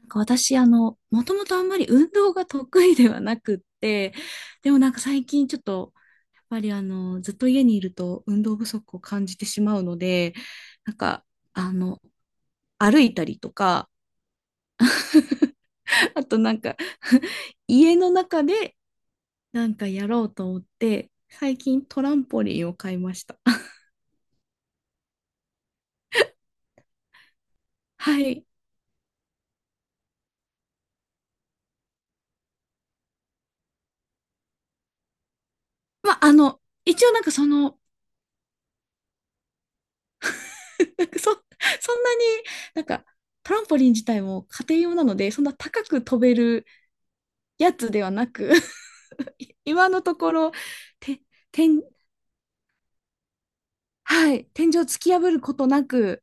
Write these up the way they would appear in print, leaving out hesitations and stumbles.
なんか私、もともとあんまり運動が得意ではなくって、でもなんか最近ちょっと、やっぱりずっと家にいると運動不足を感じてしまうので、なんか、あの、歩いたりとか、あとなんか 家の中でなんかやろうと思って、最近トランポリンを買いました。はい。まあ、一応なんかその、なんかそんなになんか、トランポリン自体も家庭用なので、そんな高く飛べるやつではなく、 今のところ、て天はい、天井突き破ることなく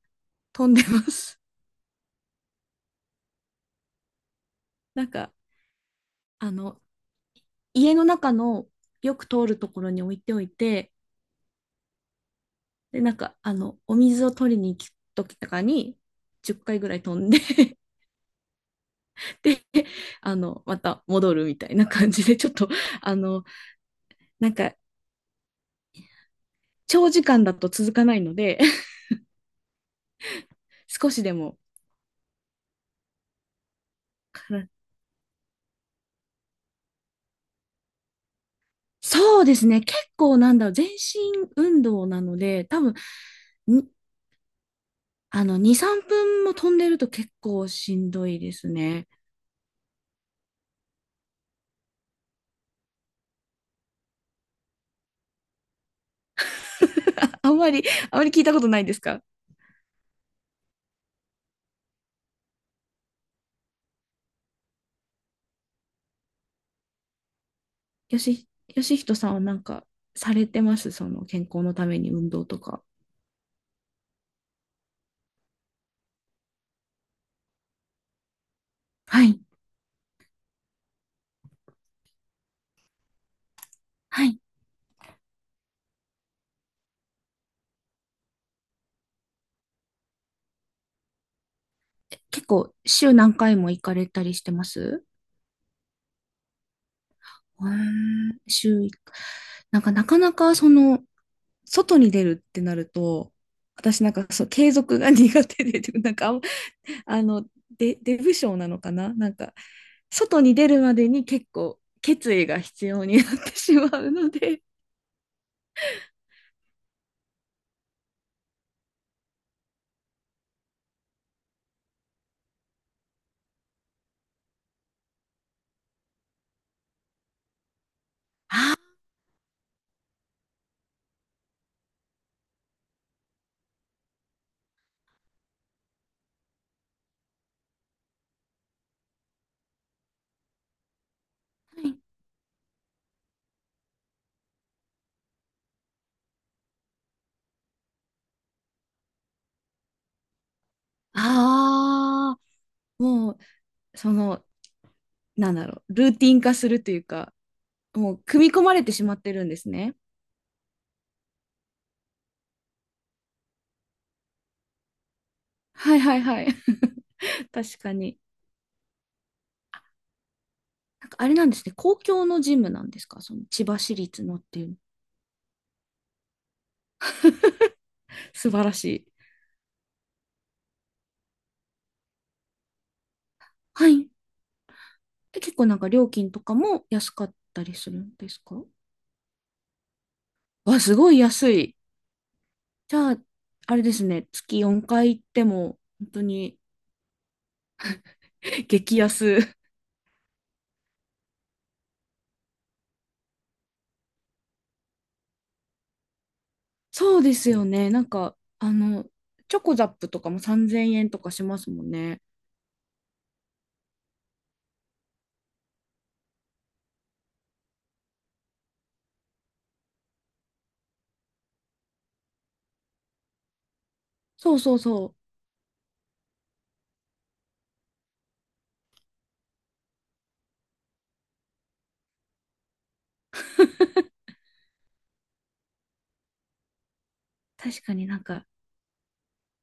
飛んでます。 なんかあの家の中のよく通るところに置いておいて、でなんかお水を取りに行く時とかに10回ぐらい飛んで、 でまた戻るみたいな感じでちょっとあのなんか長時間だと続かないので、 少しでもからそうですね。結構なんだろう、全身運動なので、多分、に2、3分も飛んでると結構しんどいですね。あんまり、あんまり聞いたことないですか？よし、よしひとさんはなんかされてます、その健康のために運動とか？はい。はい。結構週何回も行かれたりしてます？へー。週1回。なんかなかなか外に出るってなると、私なんかそう継続が苦手で、なんかあの、デブ症なのかななんか、外に出るまでに結構決意が必要になってしまうので、はい。ああ、もう、その、なんだろう、ルーティン化するというか、もう、組み込まれてしまってるんですね。はいはいはい。確かに。なんかあれなんですね、公共のジムなんですか、その千葉市立のっていう。素晴らしい。はい。結構なんか料金とかも安かったりするんですか？わ、すごい安い。じゃあ、あれですね、月4回行っても、本当に。 激安。そうですよね。なんか、チョコザップとかも3000円とかしますもんね。そうそうそう。確かになんか、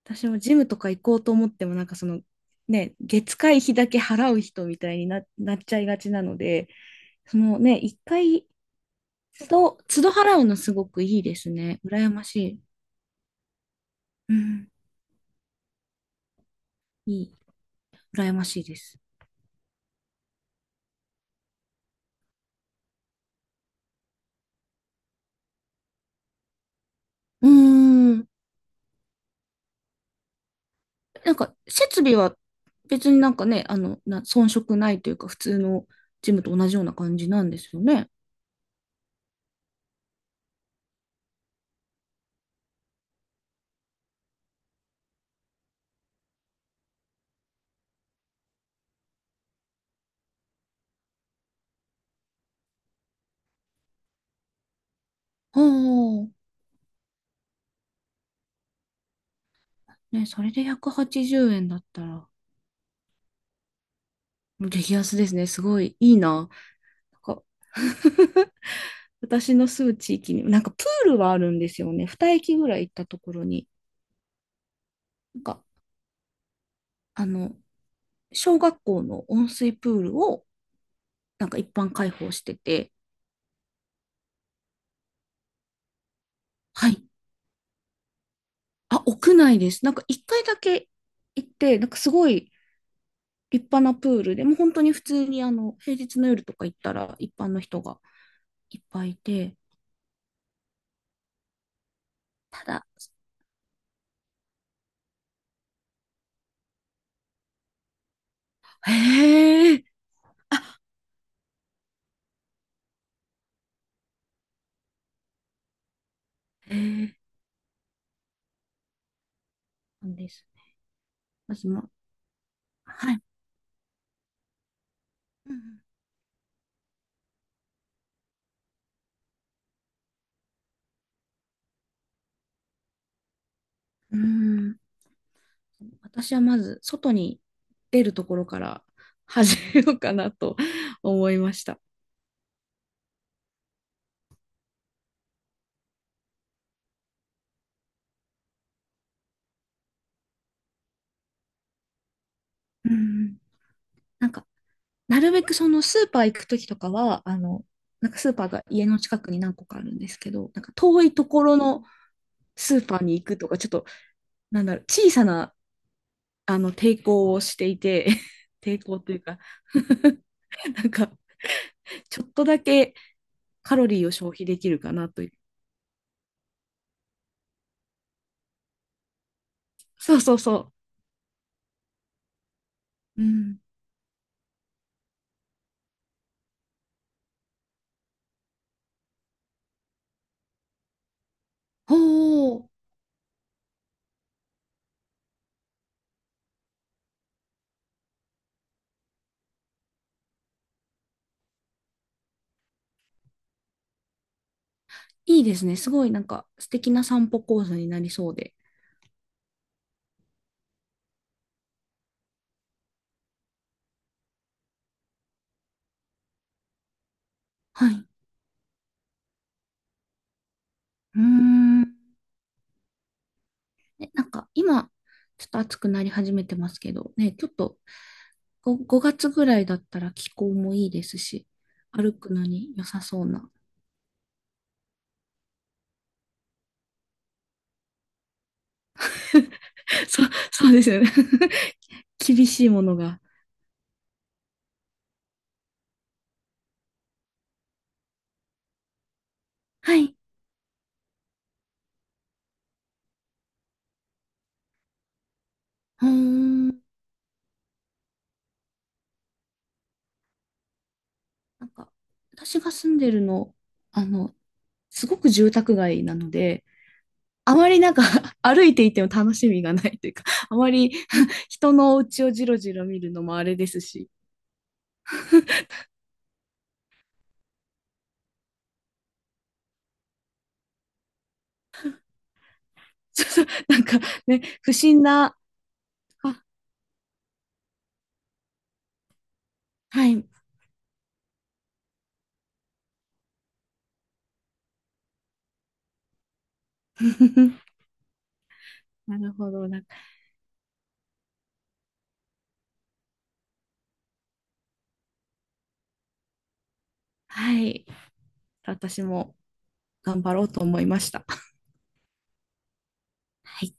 私もジムとか行こうと思っても、なんかね、月会費だけ払う人みたいになっちゃいがちなので、ね、一回、都度、都度払うのすごくいいですね。羨ましい。うん、いい。羨ましいです。うーん。なんか、設備は別になんかね、遜色ないというか、普通のジムと同じような感じなんですよね。ああ、ね、それで180円だったら、激安ですね。すごいいいな。なんか、私の住む地域に、なんかプールはあるんですよね。2駅ぐらい行ったところに、なんか、あの、小学校の温水プールを、なんか一般開放してて、はい。あ、屋内です。なんか一回だけ行って、なんかすごい、立派なプールで、もう本当に普通に平日の夜とか行ったら一般の人がいっぱいいて、ただ、へえ、あ、へえ、なんです。まずま、はい。うん、うーん私はまず、外に出るところから始めようかなと思いました。うん、なんか、なるべくそのスーパー行くときとかは、なんかスーパーが家の近くに何個かあるんですけど、なんか遠いところのスーパーに行くとか、ちょっと、なんだろう、小さな抵抗をしていて、抵抗というか、 なんか、ちょっとだけカロリーを消費できるかなという。そうそうそう。うん。ほう、いいですね。すごいなんか素敵な散歩コースになりそうで。はい。うーん。ねなんか今、ちょっと暑くなり始めてますけど、ね、ちょっと5 月ぐらいだったら気候もいいですし、歩くのに良さそうな。そう、そうですよね。厳しいものが。はい。ほーん。なんか、私が住んでるの、あの、すごく住宅街なので、あまりなんか 歩いていても楽しみがないというか、あまり 人のお家をじろじろ見るのもあれですし、そうそうなんかね、不審な、あ、はい。なるほど。なんか、はい。私も頑張ろうと思いました。はい。